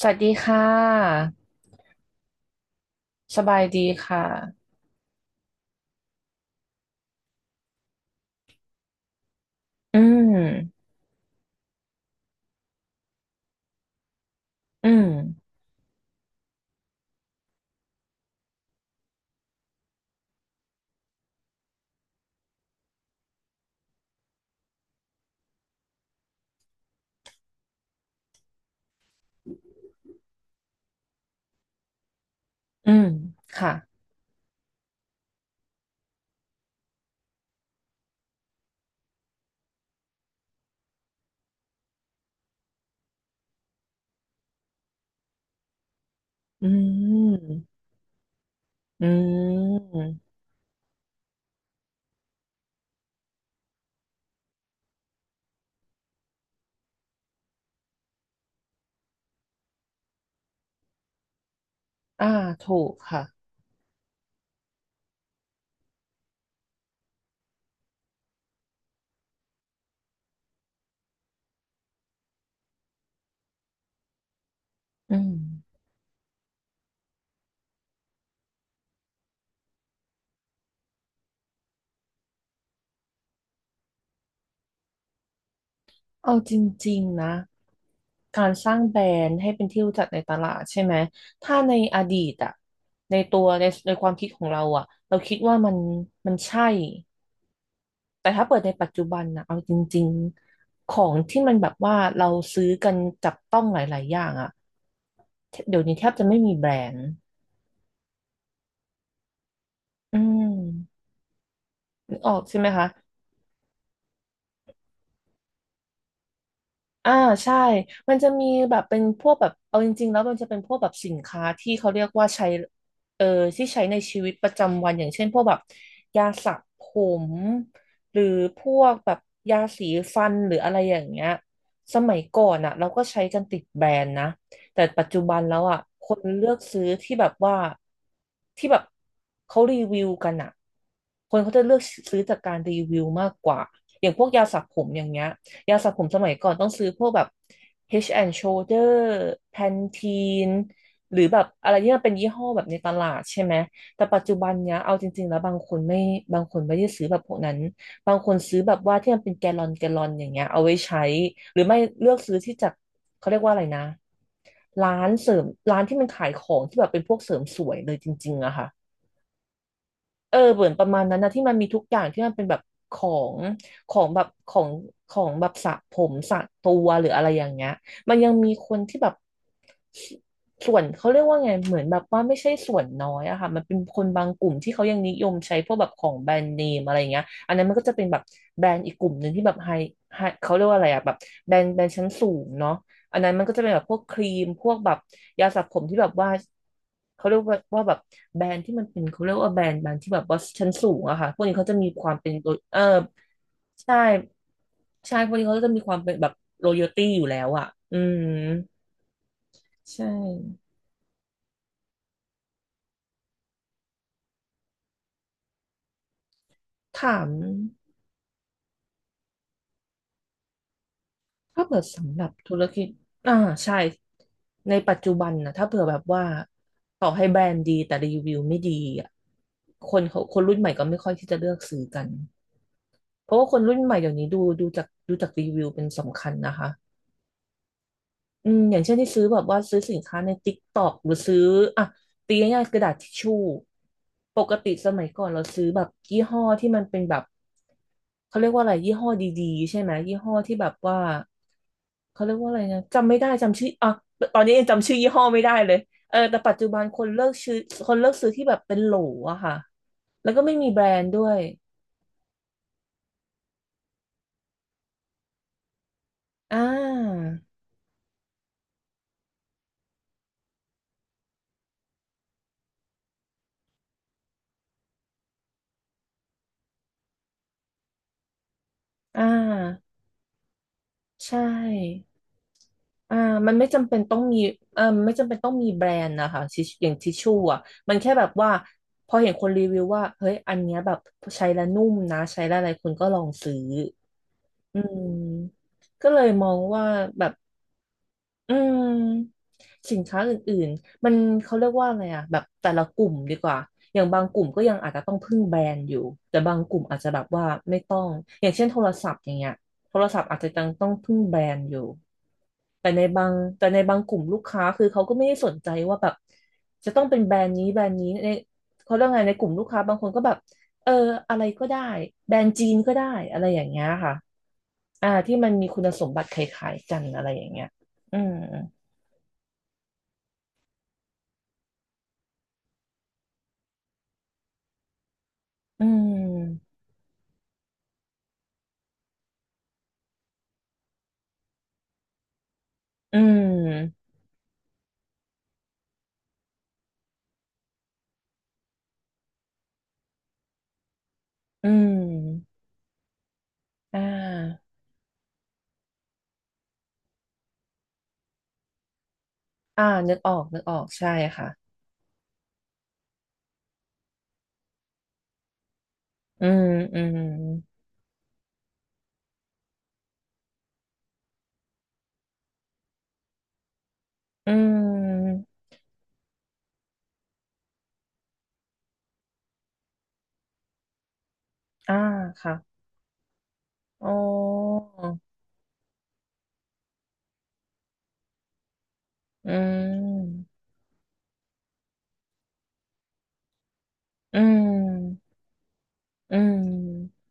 สวัสดีค่ะสบายดีค่ะ อืมอืมอืมค่ะอืมอืมอ่าถูกค่ะอืมเอาจริงๆนะการสร้างแบรนด์ให้เป็นที่รู้จักในตลาดใช่ไหมถ้าในอดีตอะในความคิดของเราอะเราคิดว่ามันใช่ แต่ถ้าเปิดในปัจจุบันนะเอาจริงๆของที่มันแบบว่าเราซื้อกันจับต้องหลายๆอย่างอะเดี๋ยวนี้แทบจะไม่มีแบรนด์อืมนึกออกใช่ไหมคะ อ่าใช่มันจะมีแบบเป็นพวกแบบเอาจริงๆแล้วมันจะเป็นพวกแบบสินค้าที่เขาเรียกว่าใช้เออที่ใช้ในชีวิตประจำวันอย่างเช่นพวกแบบยาสระผมหรือพวกแบบยาสีฟันหรืออะไรอย่างเงี้ยสมัยก่อนอ่ะเราก็ใช้กันติดแบรนด์นะแต่ปัจจุบันแล้วอ่ะคนเลือกซื้อที่แบบว่าที่แบบเขารีวิวกันอ่ะคนเขาจะเลือกซื้อจากการรีวิวมากกว่าอย่างพวกยาสระผมอย่างเงี้ย ยาสระผมสมัยก่อนต้องซื้อพวกแบบ Head and Shoulder Pantene หรือแบบอะไรที่มันเป็นยี่ห้อแบบในตลาดใช่ไหม แต่ปัจจุบันเนี้ยเอาจริงๆแล้วบางคนไม่ได้ซื้อแบบพวกนั้น บางคนซื้อแบบว่าที่มันเป็นแกลลอนแกลลอนอย่างเงี้ยเอาไว้ใช้ หรือไม่เลือกซื้อที่จากเขาเรียกว่าอะไรนะร้านเสริมร้านที่มันขายของที่แบบเป็นพวกเสริมสวยเลยจริงๆอะค่ะ เออเหมือนประมาณนั้นนะที่มันมีทุกอย่างที่มันเป็นแบบของของของแบบสระผมสระตัวหรืออะไรอย่างเงี้ยมันยังมีคนที่แบบสส่วนเขาเรียกว่าไงเหมือนแบบว่าไม่ใช่ส่วนน้อยอะค่ะมันเป็นคนบางกลุ่มที่เขายังนิยมใช้พวกแบบของแบรนด์เนมอะไรเงี้ยอันนั้นมันก็จะเป็นแบบแบรนด์อีกกลุ่มหนึ่งที่แบบไฮเขาเรียกว่าอะไรอะแบบแบรนด์ชั้นสูงเนาะ อันนั้นมันก็จะเป็นแบบพวกครีมพวกแบบยาสระผมที่แบบว่าเขาเรียกว่าแบบแบรนด์ที่มันเป็นเขาเรียกว่าแบรนด์ที่แบบว่าชั้นสูงอะค่ะพวกนี้เขาจะมีความเป็นโลใช่ใช่พวกนี้เขาก็จะมีความเป็นแบบโรโยตี้อยู่แล้วอะอืมใช่ถามถ้าเกิดสำหรับธุรกิจอ่าใช่ในปัจจุบันนะถ้าเผื่อแบบว่าต่อให้แบรนด์ดีแต่รีวิวไม่ดีอ่ะคนเขาคนรุ่นใหม่ก็ไม่ค่อยที่จะเลือกซื้อกัน เพราะว่าคนรุ่นใหม่เดี๋ยวนี้ดูจากรีวิวเป็นสำคัญนะคะอืมอย่างเช่นที่ซื้อแบบว่าซื้อสินค้าใน TikTok หรือซื้ออ่ะตีง่ายๆกระดาษทิชชู่ปกติสมัยก่อนเราซื้อแบบยี่ห้อที่มันเป็นแบบเขาเรียกว่าอะไรยี่ห้อดีๆใช่ไหมยี่ห้อที่แบบว่าเขาเรียกว่าอะไรนะจำไม่ได้จำชื่ออ่ะตอนนี้ยังจำชื่อยี่ห้อไม่ได้เลยเออแต่ปัจจุบันคนเลิกซื้อคนเลิกซื้อที่แบบเป็นโหลอะค่ะแล้วก็ไม่มีแบรนด์ด้วยอ่าอ่าใช่ อ่ามันไม่จำเป็นต้องมีเออไม่จำเป็นต้องมีแบรนด์นะคะอย่างทิชชู่อ่ะมันแค่แบบว่าพอเห็นคนรีวิวว่าเฮ้ยอันเนี้ยแบบใช้แล้วนุ่มนะใช้แล้วอะไรคนก็ลองซื้ออืมก็เลยมองว่าแบบ อืมสินค้าอื่นๆมันเขาเรียกว่าอะไรอะแบบแต่ละกลุ่มดีกว่าอย่างบางกลุ่มก็ยังอาจจะต้องพึ่งแบรนด์อยู่แต่บางกลุ่มอาจจะแบบว่าไม่ต้องอย่างเช่นโทรศัพท์อย่างเงี้ยโทรศัพท์อาจจะยังต้องพึ่งแบรนด์อยู่แต่ในบางกลุ่มลูกค้าคือเขาก็ไม่ได้สนใจว่าแบบจะต้องเป็นแบรนด์นี้ในเขาเรียกไงในกลุ่มลูกค้าบางคนก็แบบเอออะไรก็ได้แบรนด์จีนก็ได้อะไรอย่างเงี้ยค่ะอ่าที่มันมีคุณสมบัติคล้ายๆกันอะไรอย่างเงี้ย อืมอืมอืมอืมอ่าอ่านึกออก นึกออก ใช่ค่ะอืมอืมอืมอ่าค่ะอ๋ออืมอืมอืม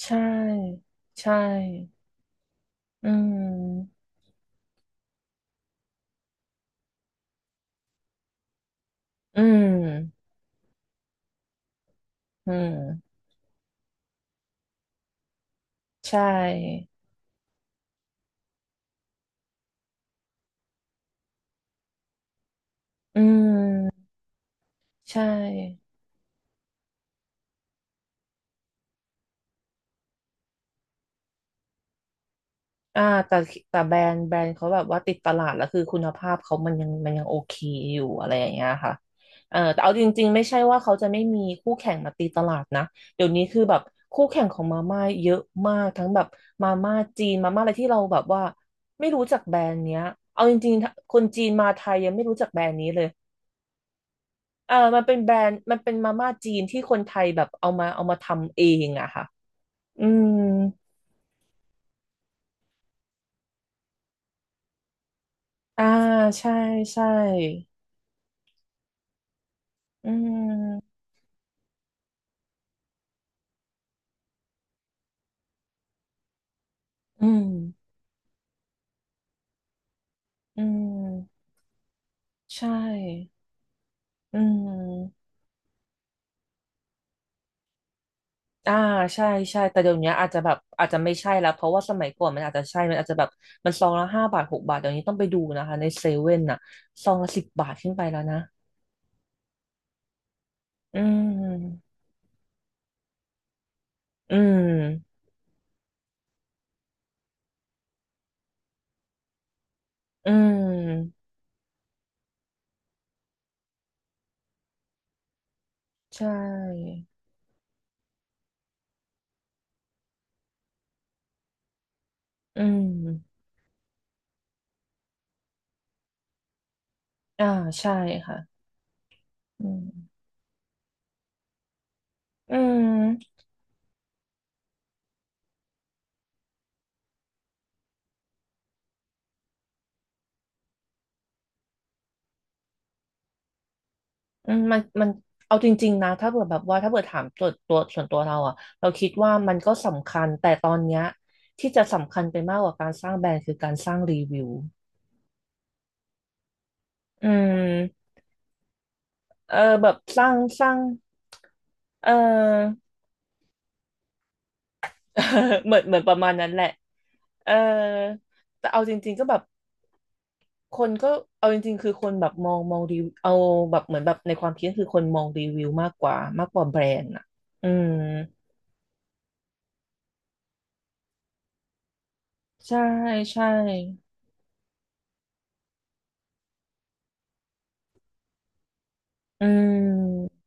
ใช่ ใช่อืมอืมอืมใช่อืมใช่ อ่าแต่แต่แบรนด์เขาแบบว่าติดตลาดแล้วคือคุณภาพเขามันยังโอเคอยู่อะไรอย่างเงี้ยค่ะเออแต่เอาจริงๆไม่ใช่ว่าเขาจะไม่มีคู่แข่งมาตีตลาดนะเดี๋ยวนี้คือแบบคู่แข่งของมาม่าเยอะมากทั้งแบบมาม่าจีนมาม่าอะไรที่เราแบบว่าไม่รู้จักแบรนด์เนี้ยเอาจริงๆคนจีนมาไทยยังไม่รู้จักแบรนด์นี้เลยเออมันเป็นแบรนด์มันเป็นมาม่าจีนที่คนไทยแบบเอามาทำเองอะค่ะอืมอ่าใช่ใช่อืม อืมอืมใช่อืมอ่าใช่ ใช่ แต่เดี๋ยวนี้อาจจะแบบอาจจะไม่ใช่แล้ว เพราะว่าสมัยก่อนมันอาจจะใช่ มันอาจจะแบบมันซองละห้าบาทหกบาทเดี๋ยวนี้ต้องไปดูนะคะในเซเว่นน่ะ ซองละสิบบาทขึ้นไปแล้วนะ อืม อืมอืมใช่อืมอ่าใช่ค่ะอืมอืม อืมมันเอาจริงๆนะถ้าเกิดแบบว่าถ้าเกิดถามตัวตัวส่วนตัวเราอะเราคิดว่ามันก็สำคัญแต่ตอนเนี้ยที่จะสำคัญไปมากกว่าการสร้างแบรนด์คือการสร้างรีวิวอืมเออแบบสร้างเออ เหมือนประมาณนั้นแหละเออแต่เอาจริงๆก็แบบคนก็เอาจริงๆคือคนแบบมองรีวิวเอาแบบเหมือนแบบในความคิดคือคนมองรีวิวมากกว่าแบรนด์อะอืมใช่ใช่อืม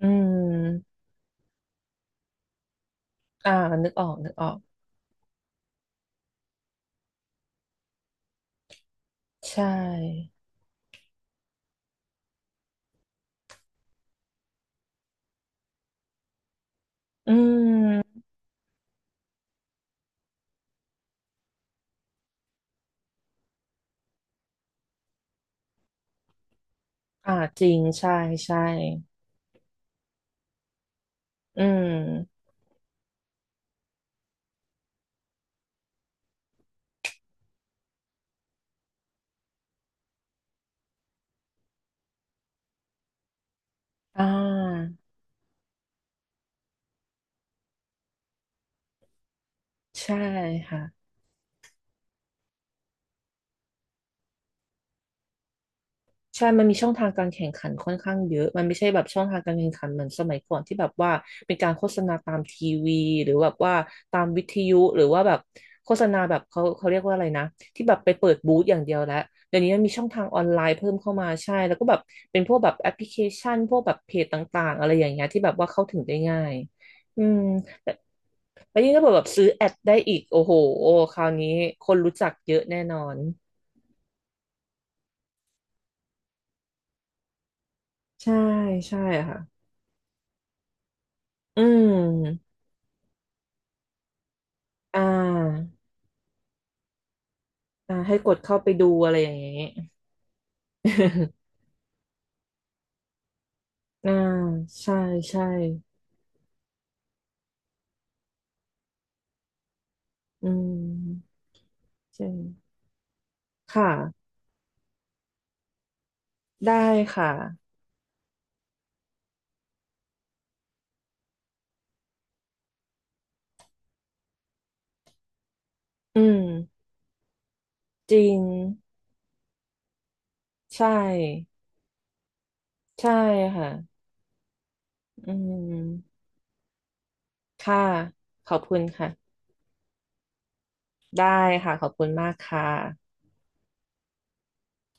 อืม อ่า นึกออก นึกออก ใช่ อืม อ่า จริง ใช่ ใช่ อืม อ่า ใช่ค่ะ ใช่มันมีช่องทางการแข่งขันค่อนข้างเยอะมันไม่ใช่แบบช่องทางการแข่งขันเหมือนสมัยก่อนที่แบบว่าเป็นการโฆษณาตามทีวีหรือแบบว่าตามวิทยุหรือว่าแบบโฆษณาแบบเขาเรียกว่าอะไรนะที่แบบไปเปิดบูธอย่างเดียวแล้วเดี๋ยวนี้มันมีช่องทางออนไลน์เพิ่มเข้ามาใช่แล้วก็แบบเป็นพวกแบบแอปพลิเคชันพวกแบบเพจต่างๆอะไรอย่างเงี้ยที่แบบว่าเข้าถึงได้ง่ายอืมแต่แล้วยิ่งถ้าแบบซื้อแอดได้อีกโอ้โหคราวนี้คนรู้จักเยอะแน่นอนใช่ใช่ค่ะอืม อ่าอ่าให้กดเข้าไปดูอะไรอย่างเงี้ย อ่าใช่ใช่อืมใช่ค่ะได้ค่ะอืมจริงใช่ใช่ค่ะอืมค่ะขอบคุณค่ะได้ค่ะขอบคุณมากค่ะ